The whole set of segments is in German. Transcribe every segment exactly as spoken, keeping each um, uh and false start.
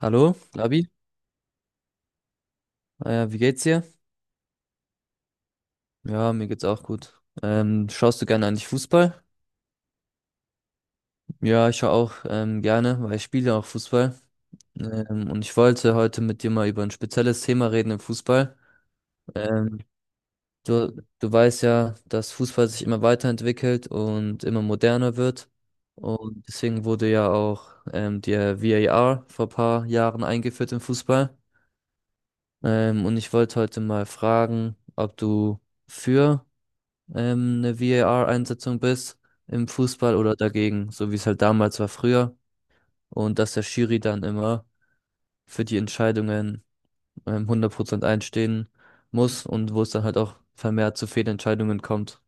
Hallo, Labi. Äh, wie geht's dir? Ja, mir geht's auch gut. Ähm, schaust du gerne eigentlich Fußball? Ja, ich schaue auch ähm, gerne, weil ich spiele auch Fußball. Ähm, und ich wollte heute mit dir mal über ein spezielles Thema reden im Fußball. Ähm, du, du weißt ja, dass Fußball sich immer weiterentwickelt und immer moderner wird. Und deswegen wurde ja auch ähm, der V A R vor ein paar Jahren eingeführt im Fußball. Ähm, und ich wollte heute mal fragen, ob du für ähm, eine V A R-Einsetzung bist im Fußball oder dagegen, so wie es halt damals war früher. Und dass der Schiri dann immer für die Entscheidungen ähm, hundert Prozent einstehen muss und wo es dann halt auch vermehrt zu Fehlentscheidungen kommt.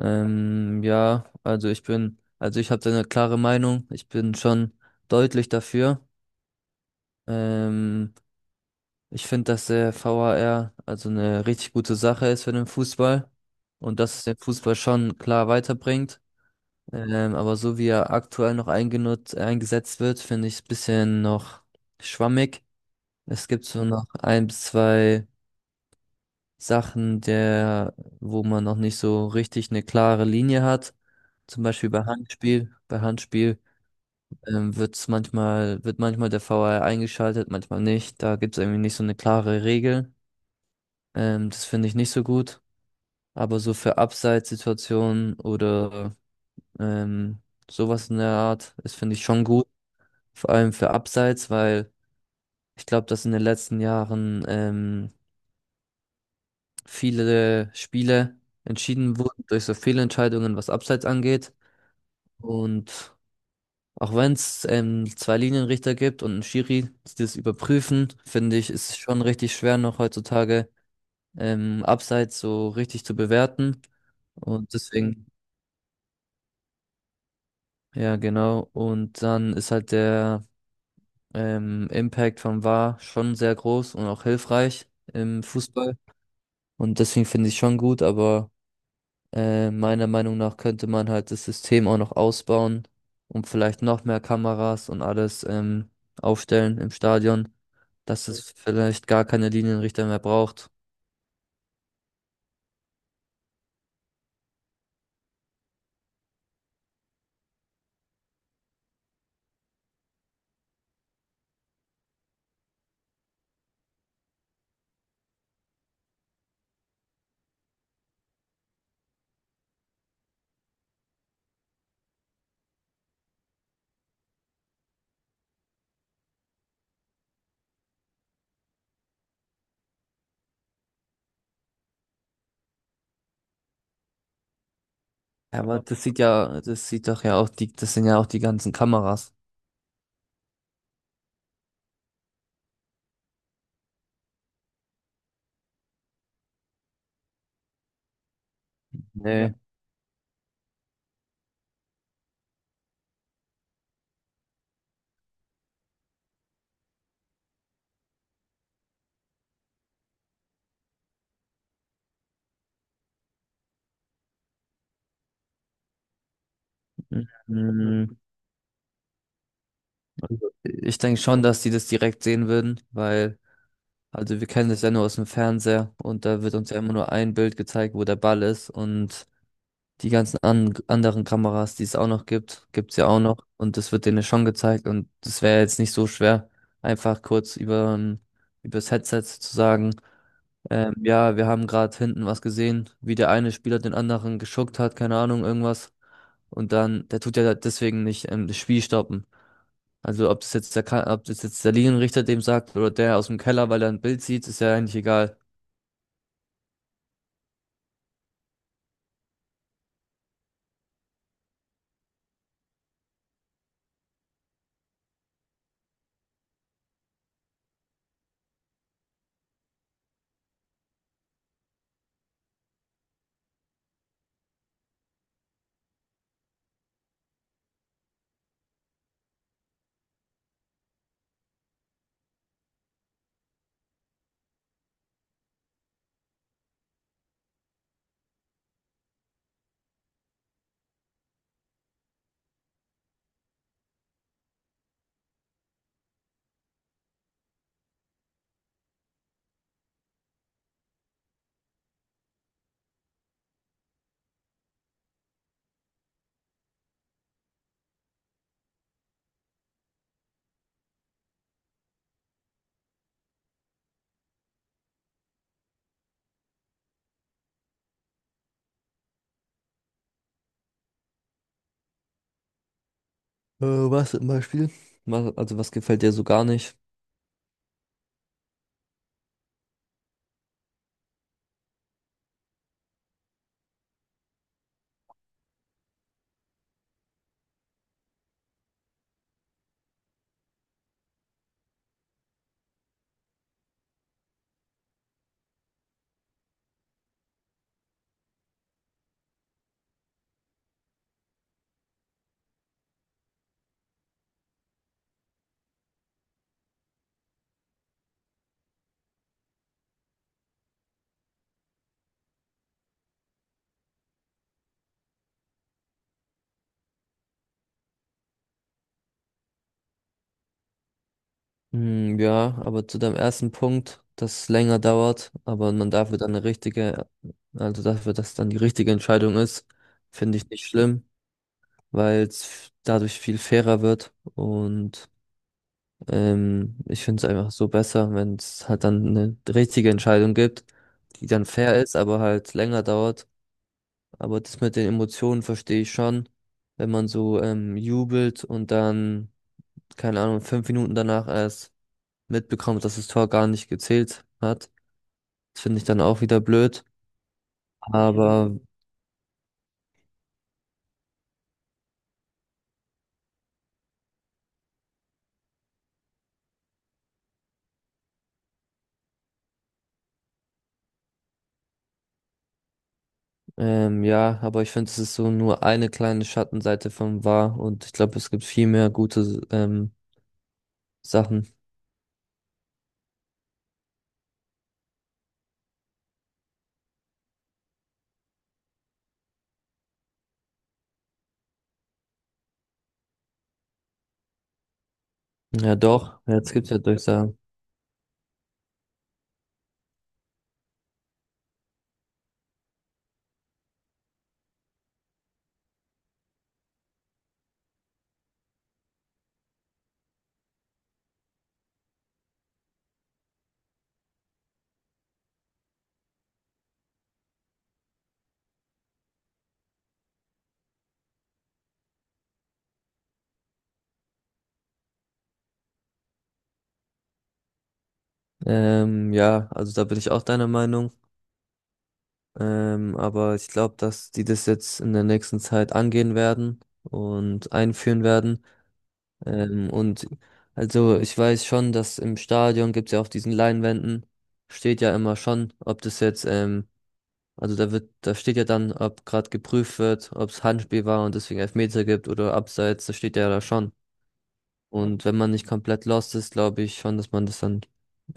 Ähm, ja, also ich bin, also ich habe da eine klare Meinung. Ich bin schon deutlich dafür. Ähm, Ich finde, dass der V A R also eine richtig gute Sache ist für den Fußball und dass es den Fußball schon klar weiterbringt. Ähm, aber so wie er aktuell noch eingenutzt, eingesetzt wird, finde ich es ein bisschen noch schwammig. Es gibt so noch ein bis zwei Sachen, der, wo man noch nicht so richtig eine klare Linie hat. Zum Beispiel bei Handspiel. Bei Handspiel ähm, wird's manchmal, wird manchmal der V A R eingeschaltet, manchmal nicht. Da gibt es irgendwie nicht so eine klare Regel. Ähm, das finde ich nicht so gut. Aber so für Abseitssituationen oder ähm, sowas in der Art, das finde ich schon gut. Vor allem für Abseits, weil ich glaube, dass in den letzten Jahren ähm, viele Spiele entschieden wurden durch so Fehlentscheidungen, was Abseits angeht. Und auch wenn es ähm, zwei Linienrichter gibt und einen Schiri, die das überprüfen, finde ich, ist es schon richtig schwer noch heutzutage ähm, Abseits so richtig zu bewerten. Und deswegen, ja, genau. Und dann ist halt der ähm, Impact vom V A R schon sehr groß und auch hilfreich im Fußball. Und deswegen finde ich schon gut, aber äh, meiner Meinung nach könnte man halt das System auch noch ausbauen und vielleicht noch mehr Kameras und alles ähm, aufstellen im Stadion, dass es vielleicht gar keine Linienrichter mehr braucht. Ja, aber das sieht ja, das sieht doch ja auch die, das sind ja auch die ganzen Kameras. Nee. Mhm. Also, ich denke schon, dass die das direkt sehen würden, weil, also wir kennen das ja nur aus dem Fernseher und da wird uns ja immer nur ein Bild gezeigt, wo der Ball ist und die ganzen an anderen Kameras, die es auch noch gibt, gibt es ja auch noch. Und das wird denen schon gezeigt. Und das wäre jetzt nicht so schwer, einfach kurz über, übers Headset zu sagen, ähm, ja, wir haben gerade hinten was gesehen, wie der eine Spieler den anderen geschuckt hat, keine Ahnung, irgendwas. Und dann, der tut ja deswegen nicht ähm, das Spiel stoppen. Also ob das jetzt der, Ka- ob das jetzt der Linienrichter dem sagt oder der aus dem Keller, weil er ein Bild sieht, ist ja eigentlich egal. Äh, was zum Beispiel? Was, also was gefällt dir so gar nicht? Hm, ja, aber zu deinem ersten Punkt, dass es länger dauert, aber man dafür dann eine richtige, also dafür, dass dann die richtige Entscheidung ist, finde ich nicht schlimm, weil es dadurch viel fairer wird und ähm, ich finde es einfach so besser, wenn es halt dann eine richtige Entscheidung gibt, die dann fair ist, aber halt länger dauert. Aber das mit den Emotionen verstehe ich schon, wenn man so ähm, jubelt und dann, keine Ahnung, fünf Minuten danach erst mitbekommt, dass das Tor gar nicht gezählt hat. Das finde ich dann auch wieder blöd. Aber ähm, ja, aber ich finde, es ist so nur eine kleine Schattenseite vom V A R und ich glaube, es gibt viel mehr gute ähm, Sachen. Ja, doch, jetzt gibt's ja Durchsagen. Ähm, ja, also da bin ich auch deiner Meinung. Ähm, aber ich glaube, dass die das jetzt in der nächsten Zeit angehen werden und einführen werden. Ähm, und also ich weiß schon, dass im Stadion gibt es ja auf diesen Leinwänden, steht ja immer schon, ob das jetzt, ähm, also da wird, da steht ja dann, ob gerade geprüft wird, ob es Handspiel war und deswegen Elfmeter gibt oder Abseits, das steht ja da schon. Und wenn man nicht komplett lost ist, glaube ich schon, dass man das dann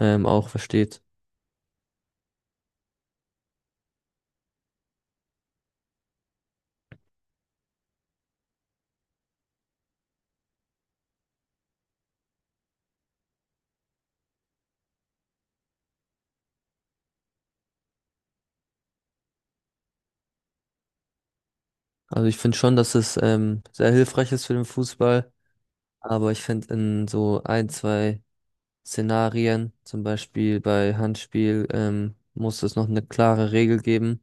ähm, auch versteht. Also ich finde schon, dass es ähm, sehr hilfreich ist für den Fußball, aber ich finde in so ein, zwei Szenarien, zum Beispiel bei Handspiel, ähm, muss es noch eine klare Regel geben.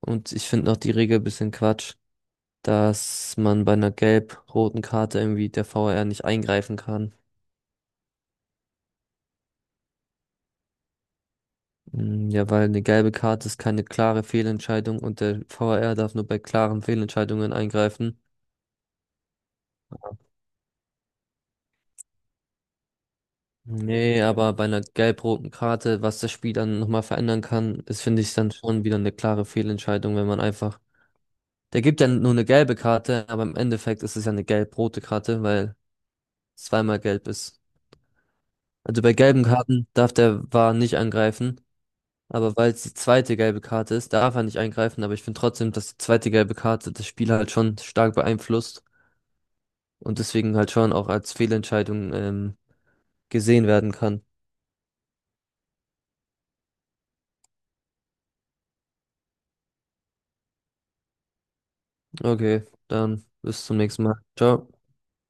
Und ich finde noch die Regel ein bisschen Quatsch, dass man bei einer gelb-roten Karte irgendwie der V A R nicht eingreifen kann. Mm, ja, weil eine gelbe Karte ist keine klare Fehlentscheidung und der V A R darf nur bei klaren Fehlentscheidungen eingreifen. Nee, aber bei einer gelb-roten Karte, was das Spiel dann nochmal verändern kann, ist, finde ich, dann schon wieder eine klare Fehlentscheidung, wenn man einfach. Der gibt ja nur eine gelbe Karte, aber im Endeffekt ist es ja eine gelb-rote Karte, weil zweimal gelb ist. Also bei gelben Karten darf der V A R nicht angreifen, aber weil es die zweite gelbe Karte ist, darf er nicht eingreifen, aber ich finde trotzdem, dass die zweite gelbe Karte das Spiel halt schon stark beeinflusst und deswegen halt schon auch als Fehlentscheidung ähm, gesehen werden kann. Okay, dann bis zum nächsten Mal. Ciao.